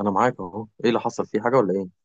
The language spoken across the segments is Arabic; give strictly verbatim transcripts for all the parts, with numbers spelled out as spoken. انا معاك اهو، ايه اللي حصل؟ في حاجه ولا ايه؟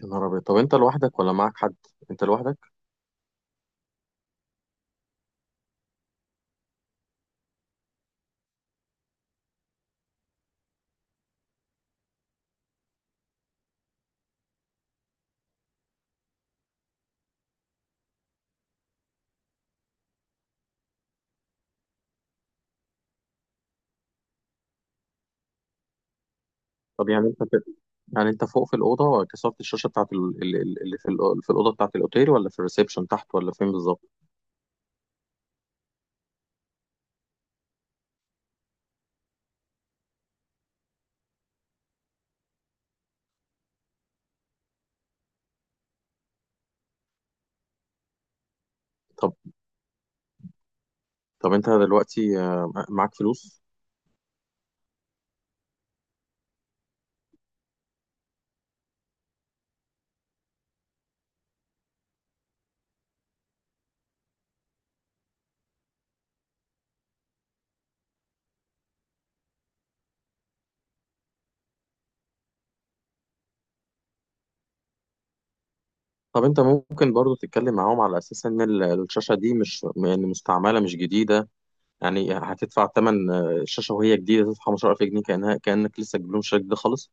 يا نهار ابيض، طب انت لوحدك ولا معاك حد؟ انت لوحدك؟ طب يعني انت كده يعني انت فوق في الاوضه كسرت الشاشه بتاعت ال- ال- ال- اللي في الأو- في الاوضه بتاعت الاوتيل، ولا في الريسبشن تحت، ولا فين بالظبط؟ طب طب انت دلوقتي آه، معاك فلوس؟ طب انت ممكن برضو تتكلم معاهم على اساس ان ال- الشاشه دي مش يعني مستعمله، مش جديده. يعني هتدفع ثمن الشاشه وهي جديده؟ تدفع خمسة عشر الف جنيه كانها، كانك لسه جبت لهم الشاشه دي خالص؟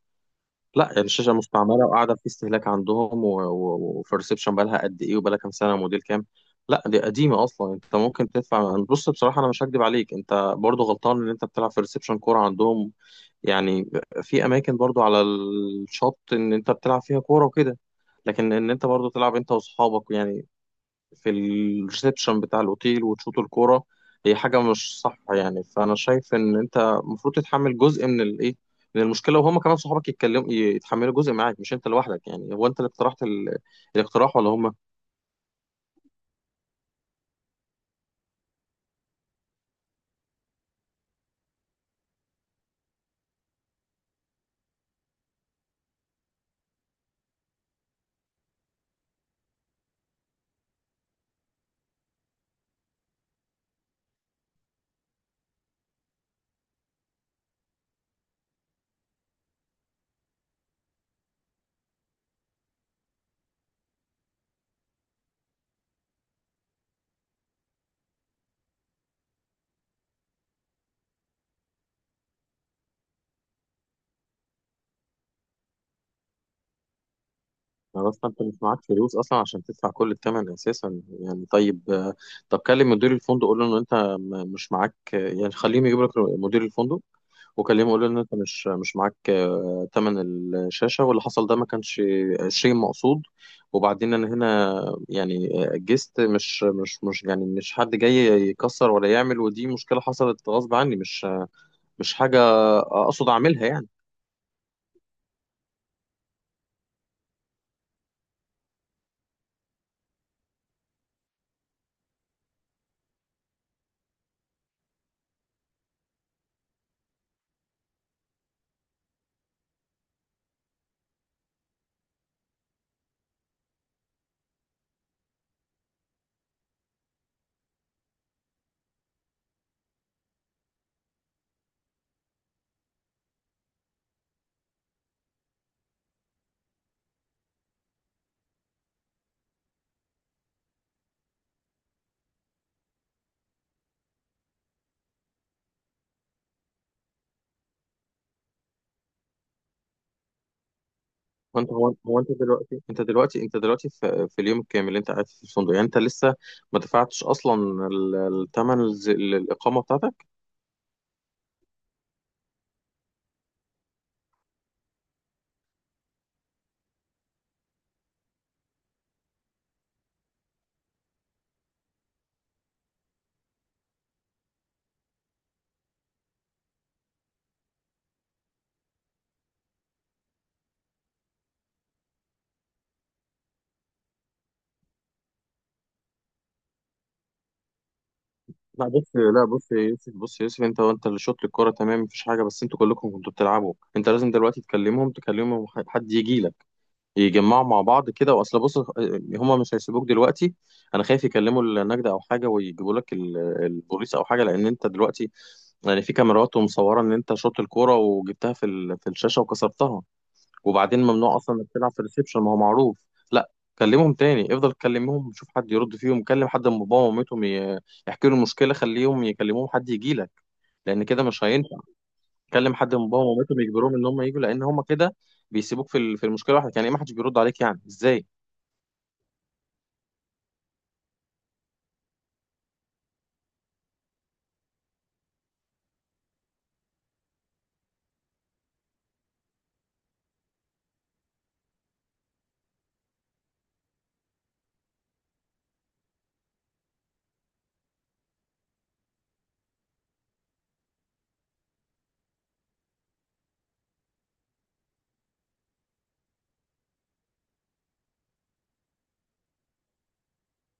لا، يعني الشاشه مستعمله وقاعده في استهلاك عندهم، وبرسبشن بقى لها قد ايه، وبقى لها كام سنه، موديل كام. لا دي قديمه اصلا. انت ممكن تدفع، بص بصراحه انا مش هكدب عليك، انت برضو غلطان ان انت بتلعب في ريسبشن كوره عندهم. يعني في اماكن برضو على الشط ان انت بتلعب فيها كوره وكده، لكن ان انت برضو تلعب انت واصحابك يعني في الريسبشن بتاع الأوتيل وتشوط الكورة، هي حاجة مش صح. يعني فأنا شايف إن أنت المفروض تتحمل جزء من الإيه، من المشكلة، وهما كمان صحابك يتكلموا، يتحملوا جزء معاك، مش أنت لوحدك. يعني هو أنت اللي اقترحت ال... الاقتراح ولا هما؟ بس أنت مش معاك فلوس أصلا عشان تدفع كل الثمن أساسا. يعني طيب آه، طب كلم مدير الفندق، قول له إن أنت م- مش معاك آه، يعني خليهم يجيب لك مدير الفندق وكلمه، قالوا ان انت مش مش معاك آه، تمن الشاشه، واللي حصل ده ما كانش عشرين مقصود. وبعدين انا هنا يعني آه، جست، مش مش مش يعني مش حد جاي يكسر ولا يعمل، ودي مشكله حصلت غصب عني، مش مش حاجه اقصد اعملها يعني. هو انت هو هو انت دلوقتي انت دلوقتي انت دلوقتي في, في اليوم الكامل اللي انت قاعد فيه في الفندق يعني انت لسه ما دفعتش اصلا الثمن، الاقامه بتاعتك. لا بص، لا بص يا يوسف بص يا يوسف، انت وانت اللي شوط للكرة، تمام مفيش حاجة، بس انتوا كلكم كنتوا بتلعبوا. انت لازم دلوقتي تكلمهم، تكلمهم ح- حد يجي لك، يجمعوا مع بعض كده، واصل بص اه، هما مش هيسيبوك دلوقتي. انا خايف يكلموا النجدة او حاجة ويجيبوا لك ال- البوليس او حاجة، لان انت دلوقتي يعني في كاميرات ومصورة ان انت شوط الكرة وجبتها في ال- في الشاشة وكسرتها. وبعدين ممنوع اصلا انك تلعب في الريسبشن، ما هو معروف. لا، كلمهم تاني، افضل كلمهم شوف حد يرد فيهم، كلم حد من باباهم ومامتهم ي- يحكي له المشكله، خليهم يكلموهم حد يجي لك، لان كده مش هينفع. كلم حد من باباهم ومامتهم يجبرهم ان هم يجوا، لان هم كده بيسيبوك في ال- في المشكله لوحدك. يعني ايه ما حدش بيرد عليك؟ يعني ازاي؟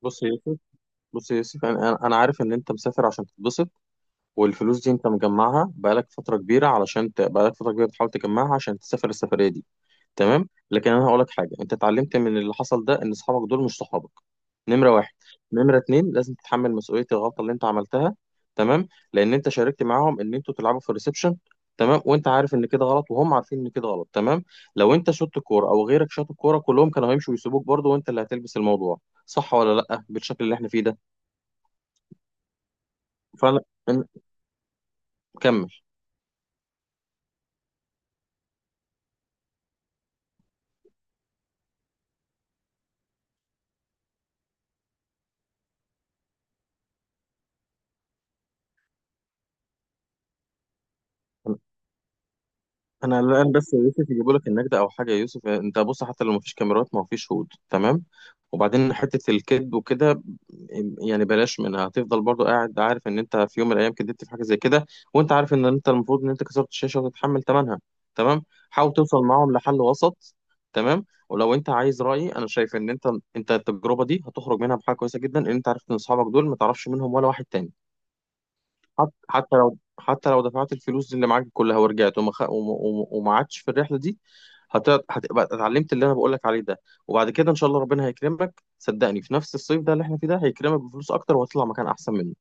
بص يا يوسف، بص يا يوسف انا انا أنا عارف ان انت مسافر عشان تتبسط، والفلوس دي انت مجمعها بقالك فتره كبيره علشان ت... بقالك فتره كبيره بتحاول تجمعها عشان تسافر السفريه دي، تمام. لكن انا هقول لك حاجه، انت اتعلمت من اللي حصل ده ان اصحابك دول مش صحابك، نمره واحد. نمره اتنين، لازم تتحمل مسؤوليه الغلطه اللي انت عملتها، تمام، لان انت شاركت معاهم ان انتوا تلعبوا في الريسبشن، تمام، وانت عارف ان كده غلط وهم عارفين ان كده غلط، تمام. لو انت شوت الكوره او غيرك شاط الكوره، كلهم كانوا هيمشوا ويسيبوك برضه، وانت اللي هتلبس الموضوع، صح ولا لا، بالشكل اللي احنا فيه ده؟ فعلا، إن- كمل. انا الان بس يا يوسف، يجيبوا لك النجدة او حاجه يا يوسف، انت بص حتى لو مفيش كاميرات، ما هو في شهود، تمام. وبعدين حته الكذب وكده يعني بلاش منها، هتفضل برضو قاعد عارف ان انت في يوم من الايام كدبت في حاجه زي كده، وانت عارف ان انت المفروض ان انت كسرت الشاشه وتتحمل ثمنها، تمام. حاول توصل معاهم لحل وسط، تمام، ولو انت عايز رايي انا شايف ان انت انت التجربه دي هتخرج منها بحاجه كويسه جدا، ان انت عرفت ان اصحابك دول ما تعرفش منهم ولا واحد تاني. حت- حتى لو حتى لو دفعت الفلوس اللي معاك كلها ورجعت، وما خ... وما وما- وما عادش في الرحله دي، هت... هتبقى اتعلمت اللي انا بقول لك عليه ده. وبعد كده ان شاء الله ربنا هيكرمك، صدقني في نفس الصيف ده اللي احنا فيه ده هيكرمك بفلوس اكتر وهتطلع مكان احسن منه.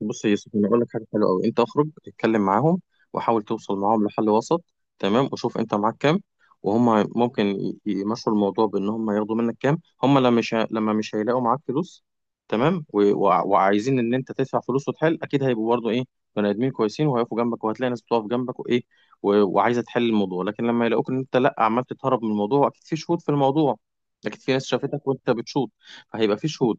بص يا يوسف، انا اقول لك حاجه حلوه قوي، انت اخرج اتكلم معاهم وحاول توصل معاهم لحل وسط، تمام. وشوف انت معاك كام، وهم ممكن ي- يمشوا الموضوع بان هم ياخدوا منك كام، هم لما مش ه- لما مش هيلاقوا معاك فلوس، تمام، و... وع- وعايزين ان انت تدفع فلوس وتحل، اكيد هيبقوا برضه ايه، بني ادمين كويسين، وهيقفوا جنبك، وهتلاقي ناس بتقف جنبك وايه، و... وعايزه تحل الموضوع. لكن لما يلاقوك ان انت لا، عمال تتهرب من الموضوع، اكيد في شهود في الموضوع، اكيد في ناس شافتك وانت بتشوط، فهيبقى في شهود،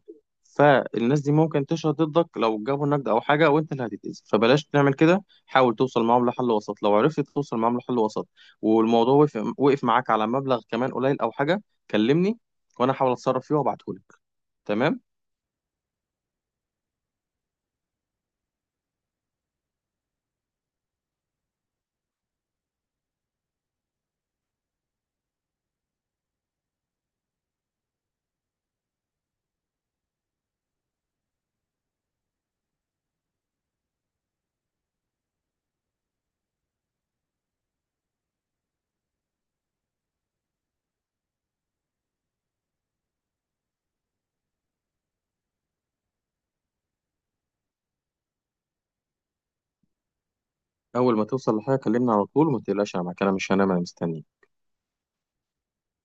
فالناس دي ممكن تشهد ضدك لو جابوا نقد او حاجه وانت اللي هتتأذي. فبلاش تعمل كده، حاول توصل معاهم لحل وسط. لو عرفت توصل معاهم لحل وسط والموضوع وقف وقف معاك على مبلغ كمان قليل او حاجه، كلمني وانا احاول اتصرف فيه وابعتهولك. تمام، اول ما توصل لحاجه كلمني على طول، وما تقلقش انا معاك، انا مش هنام، انا مستني.